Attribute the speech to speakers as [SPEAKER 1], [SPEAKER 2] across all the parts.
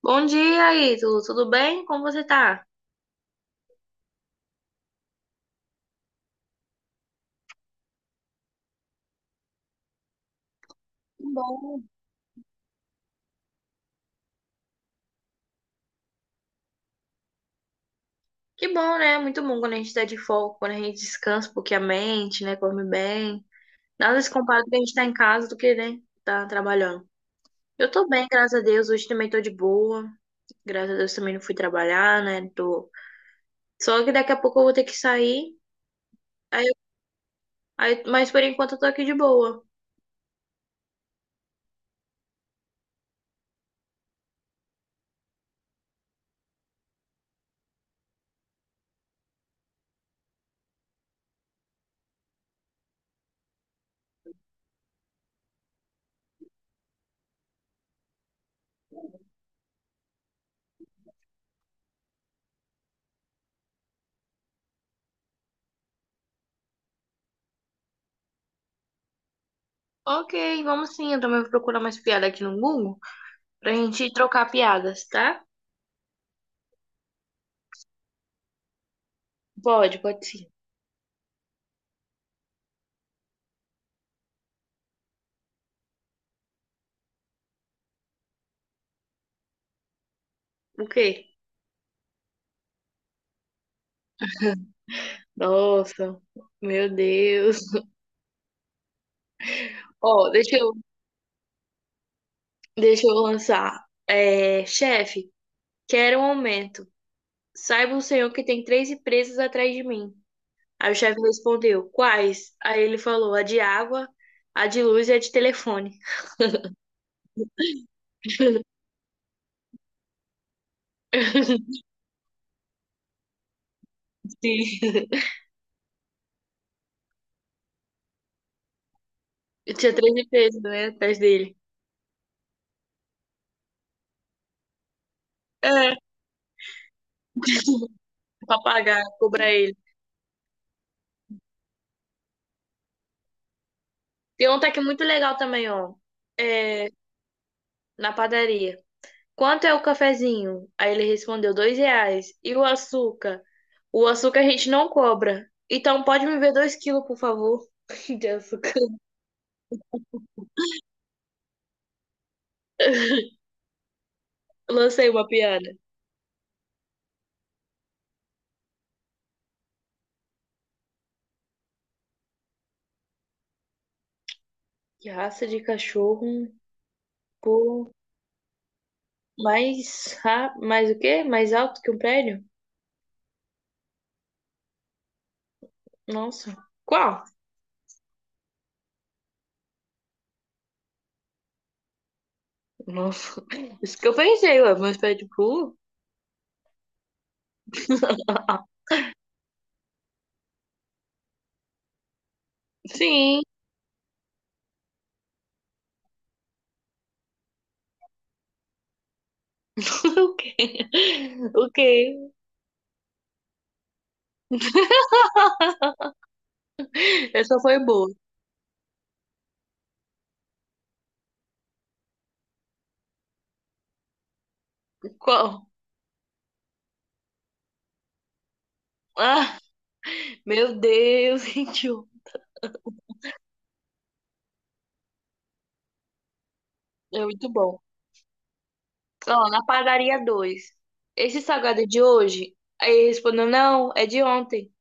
[SPEAKER 1] Bom dia, Ítalo. Tudo bem? Como você tá? Bom. Que bom, né? Muito bom quando a gente tá de folga, quando a gente descansa um pouquinho a mente, né? Come bem. Nada se compara com a gente tá em casa do que, né? Tá trabalhando. Eu tô bem, graças a Deus. Hoje também tô de boa. Graças a Deus também não fui trabalhar, né? Tô... Só que daqui a pouco eu vou ter que sair. Aí, mas por enquanto eu tô aqui de boa. Ok, vamos sim. Eu também vou procurar mais piada aqui no Google pra gente trocar piadas, tá? Pode, pode sim. O quê? Nossa, meu Deus. Ó, deixa eu lançar. É, chefe, quero um aumento. Saiba o senhor que tem três empresas atrás de mim. Aí o chefe respondeu, quais? Aí ele falou, a de água, a de luz e a de telefone. Sim. Eu tinha três empresas, né, atrás dele. É, pra pagar, cobrar ele. Tem um que é muito legal também, ó. É, na padaria. Quanto é o cafezinho? Aí ele respondeu, R$ 2. E o açúcar? O açúcar a gente não cobra. Então pode me ver 2 quilos, por favor, de açúcar. Lancei uma piada. Que raça de cachorro pô, mais o quê? Mais alto que um prédio? Nossa. Qual? Nossa. Isso que eu pensei, ué. Meus pés de pulo? Ah, sim. Ok. Ok. Essa foi boa. Qual? Ah, meu Deus, gente. É muito bom. Ó, na padaria 2. Esse salgado é de hoje? Aí ele respondeu, não, é de ontem.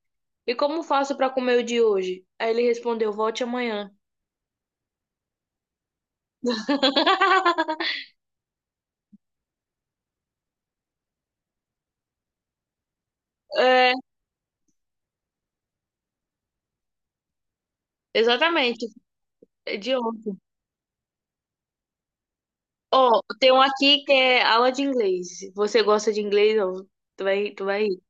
[SPEAKER 1] E como faço pra comer o de hoje? Aí ele respondeu, volte amanhã. É, exatamente, é de ontem. Ó, tem um aqui que é aula de inglês. Você gosta de inglês? Ó, tu vai rir.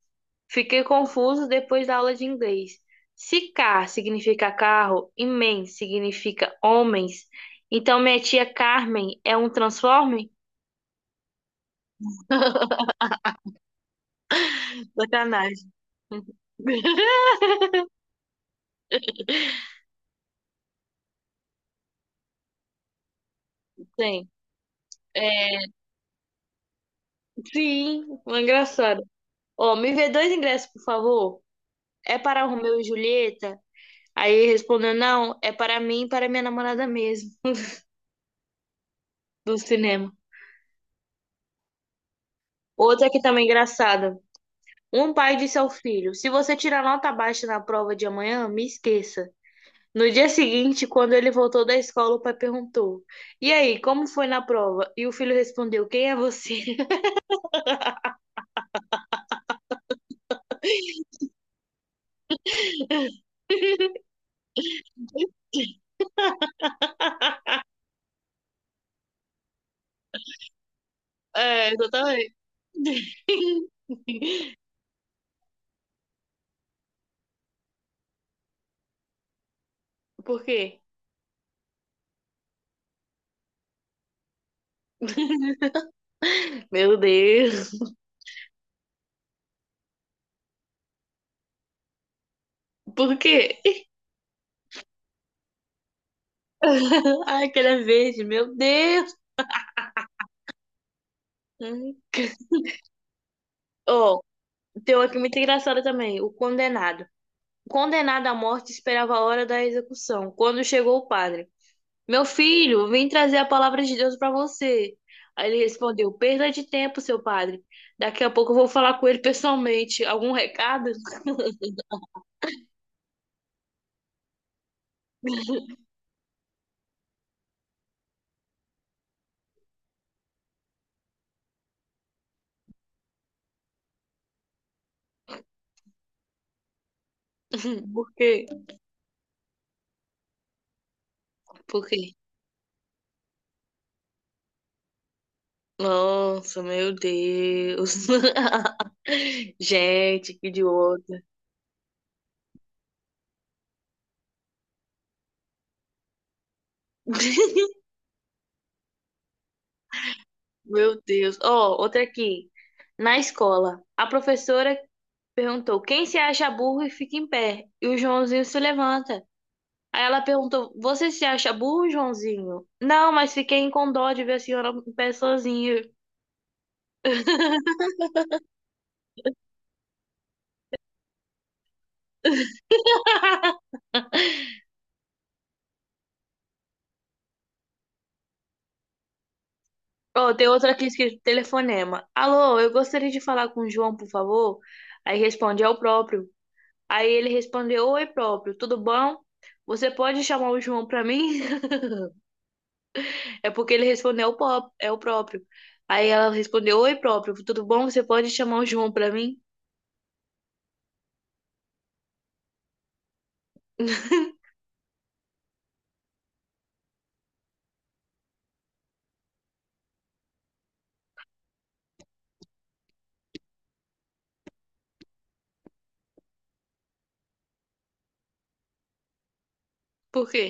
[SPEAKER 1] Fiquei confuso depois da aula de inglês. Se car significa carro e men significa homens, então minha tia Carmen é um transforme? Sacanagem. Sim. É, sim, uma engraçada. Ó, me vê dois ingressos, por favor. É para Romeu e Julieta? Aí ele respondeu, não, é para mim e para minha namorada mesmo, do cinema. Outra que também é engraçada. Um pai disse ao filho, se você tirar nota baixa na prova de amanhã, me esqueça. No dia seguinte, quando ele voltou da escola, o pai perguntou, e aí, como foi na prova? E o filho respondeu, quem é você? É, exatamente. Por quê? Meu Deus. Por quê? Ai, que ele é verde, meu Deus. Uhum. Ó, tem uma aqui muito engraçada também, o condenado. O condenado à morte esperava a hora da execução, quando chegou o padre. Meu filho, vim trazer a palavra de Deus para você. Aí ele respondeu, perda de tempo, seu padre. Daqui a pouco eu vou falar com ele pessoalmente. Algum recado? Por quê? Por quê? Nossa, meu Deus. Gente, que idiota. Meu Deus. Ó, outra aqui. Na escola, a professora perguntou: quem se acha burro e fica em pé? E o Joãozinho se levanta. Aí ela perguntou: você se acha burro, Joãozinho? Não, mas fiquei com dó de ver a senhora em pé sozinha. Ó, tem outra aqui escrito telefonema. Alô, eu gostaria de falar com o João, por favor. Aí responde, é o próprio. Aí ele respondeu, oi, próprio, tudo bom? Você pode chamar o João pra mim? É porque ele respondeu, é o próprio. Aí ela respondeu, oi, próprio, tudo bom? Você pode chamar o João pra mim? Por quê?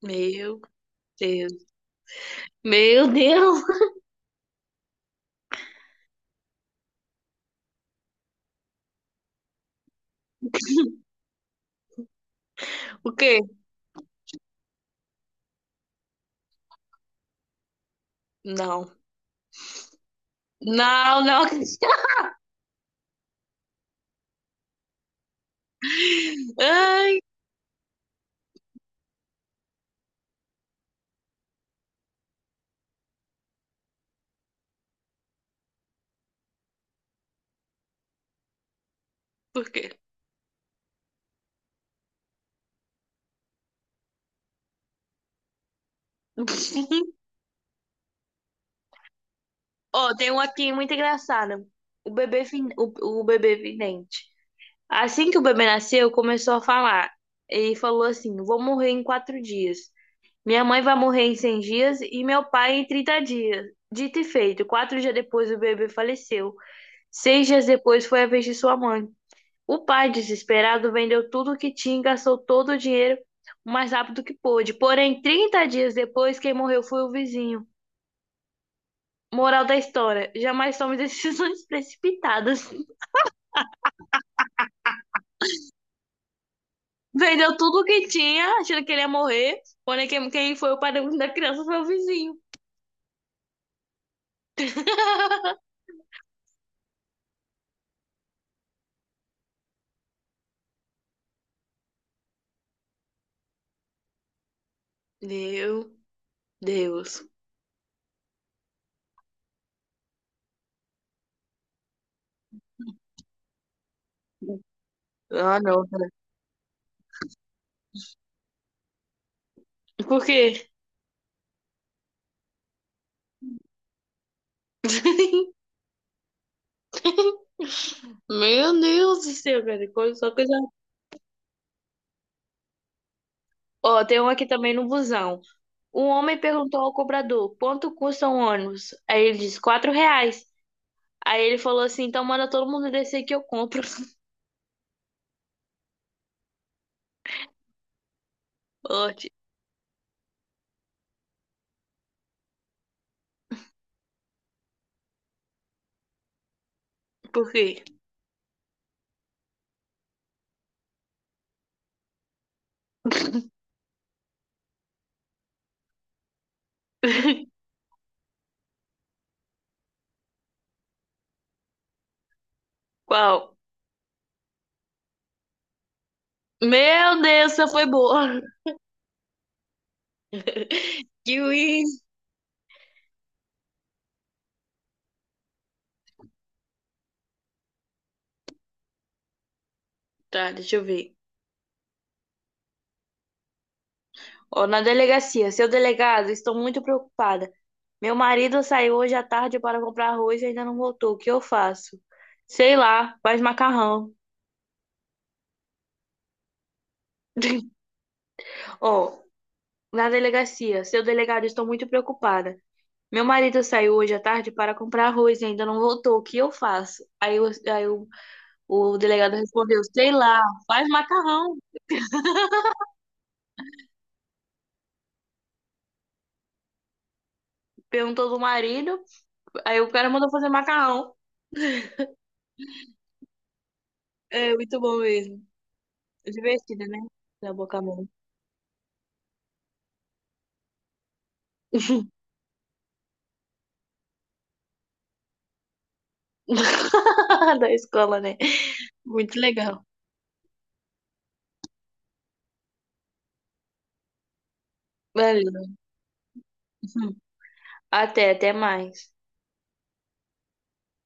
[SPEAKER 1] Meu Deus. Meu Deus! O quê? Não. Não, não. Ai, por quê? Ó, tem um aqui muito engraçado. O bebê vidente. Assim que o bebê nasceu, começou a falar. E falou assim: vou morrer em 4 dias. Minha mãe vai morrer em 100 dias e meu pai em 30 dias. Dito e feito, 4 dias depois o bebê faleceu. 6 dias depois foi a vez de sua mãe. O pai, desesperado, vendeu tudo o que tinha e gastou todo o dinheiro o mais rápido que pôde. Porém, 30 dias depois, quem morreu foi o vizinho. Moral da história: jamais tome decisões precipitadas. Vendeu tudo o que tinha, achando que ele ia morrer. Porém, quem foi o pai da criança foi o vizinho. Meu Deus. Ah, não. Por quê? Meu Deus do céu, cara. Só coisa. Ó, tem um aqui também no busão. Um homem perguntou ao cobrador: quanto custa um ônibus? Aí ele disse: R$ 4. Aí ele falou assim: então manda todo mundo descer que eu compro. Ótimo. Por quê? Qual? Meu Deus, essa foi boa. Kiwi. Tá, deixa eu ver. Ó, na delegacia, seu delegado, estou muito preocupada. Meu marido saiu hoje à tarde para comprar arroz e ainda não voltou. O que eu faço? Sei lá, faz macarrão. Ó, na delegacia, seu delegado, estou muito preocupada. Meu marido saiu hoje à tarde para comprar arroz e ainda não voltou. O que eu faço? Aí o delegado respondeu: sei lá, faz macarrão. Perguntou do marido. Aí o cara mandou fazer macarrão. É muito bom mesmo. Divertido, né? Da boca a mão. Da escola, né? Muito legal. Valeu. Até, até mais.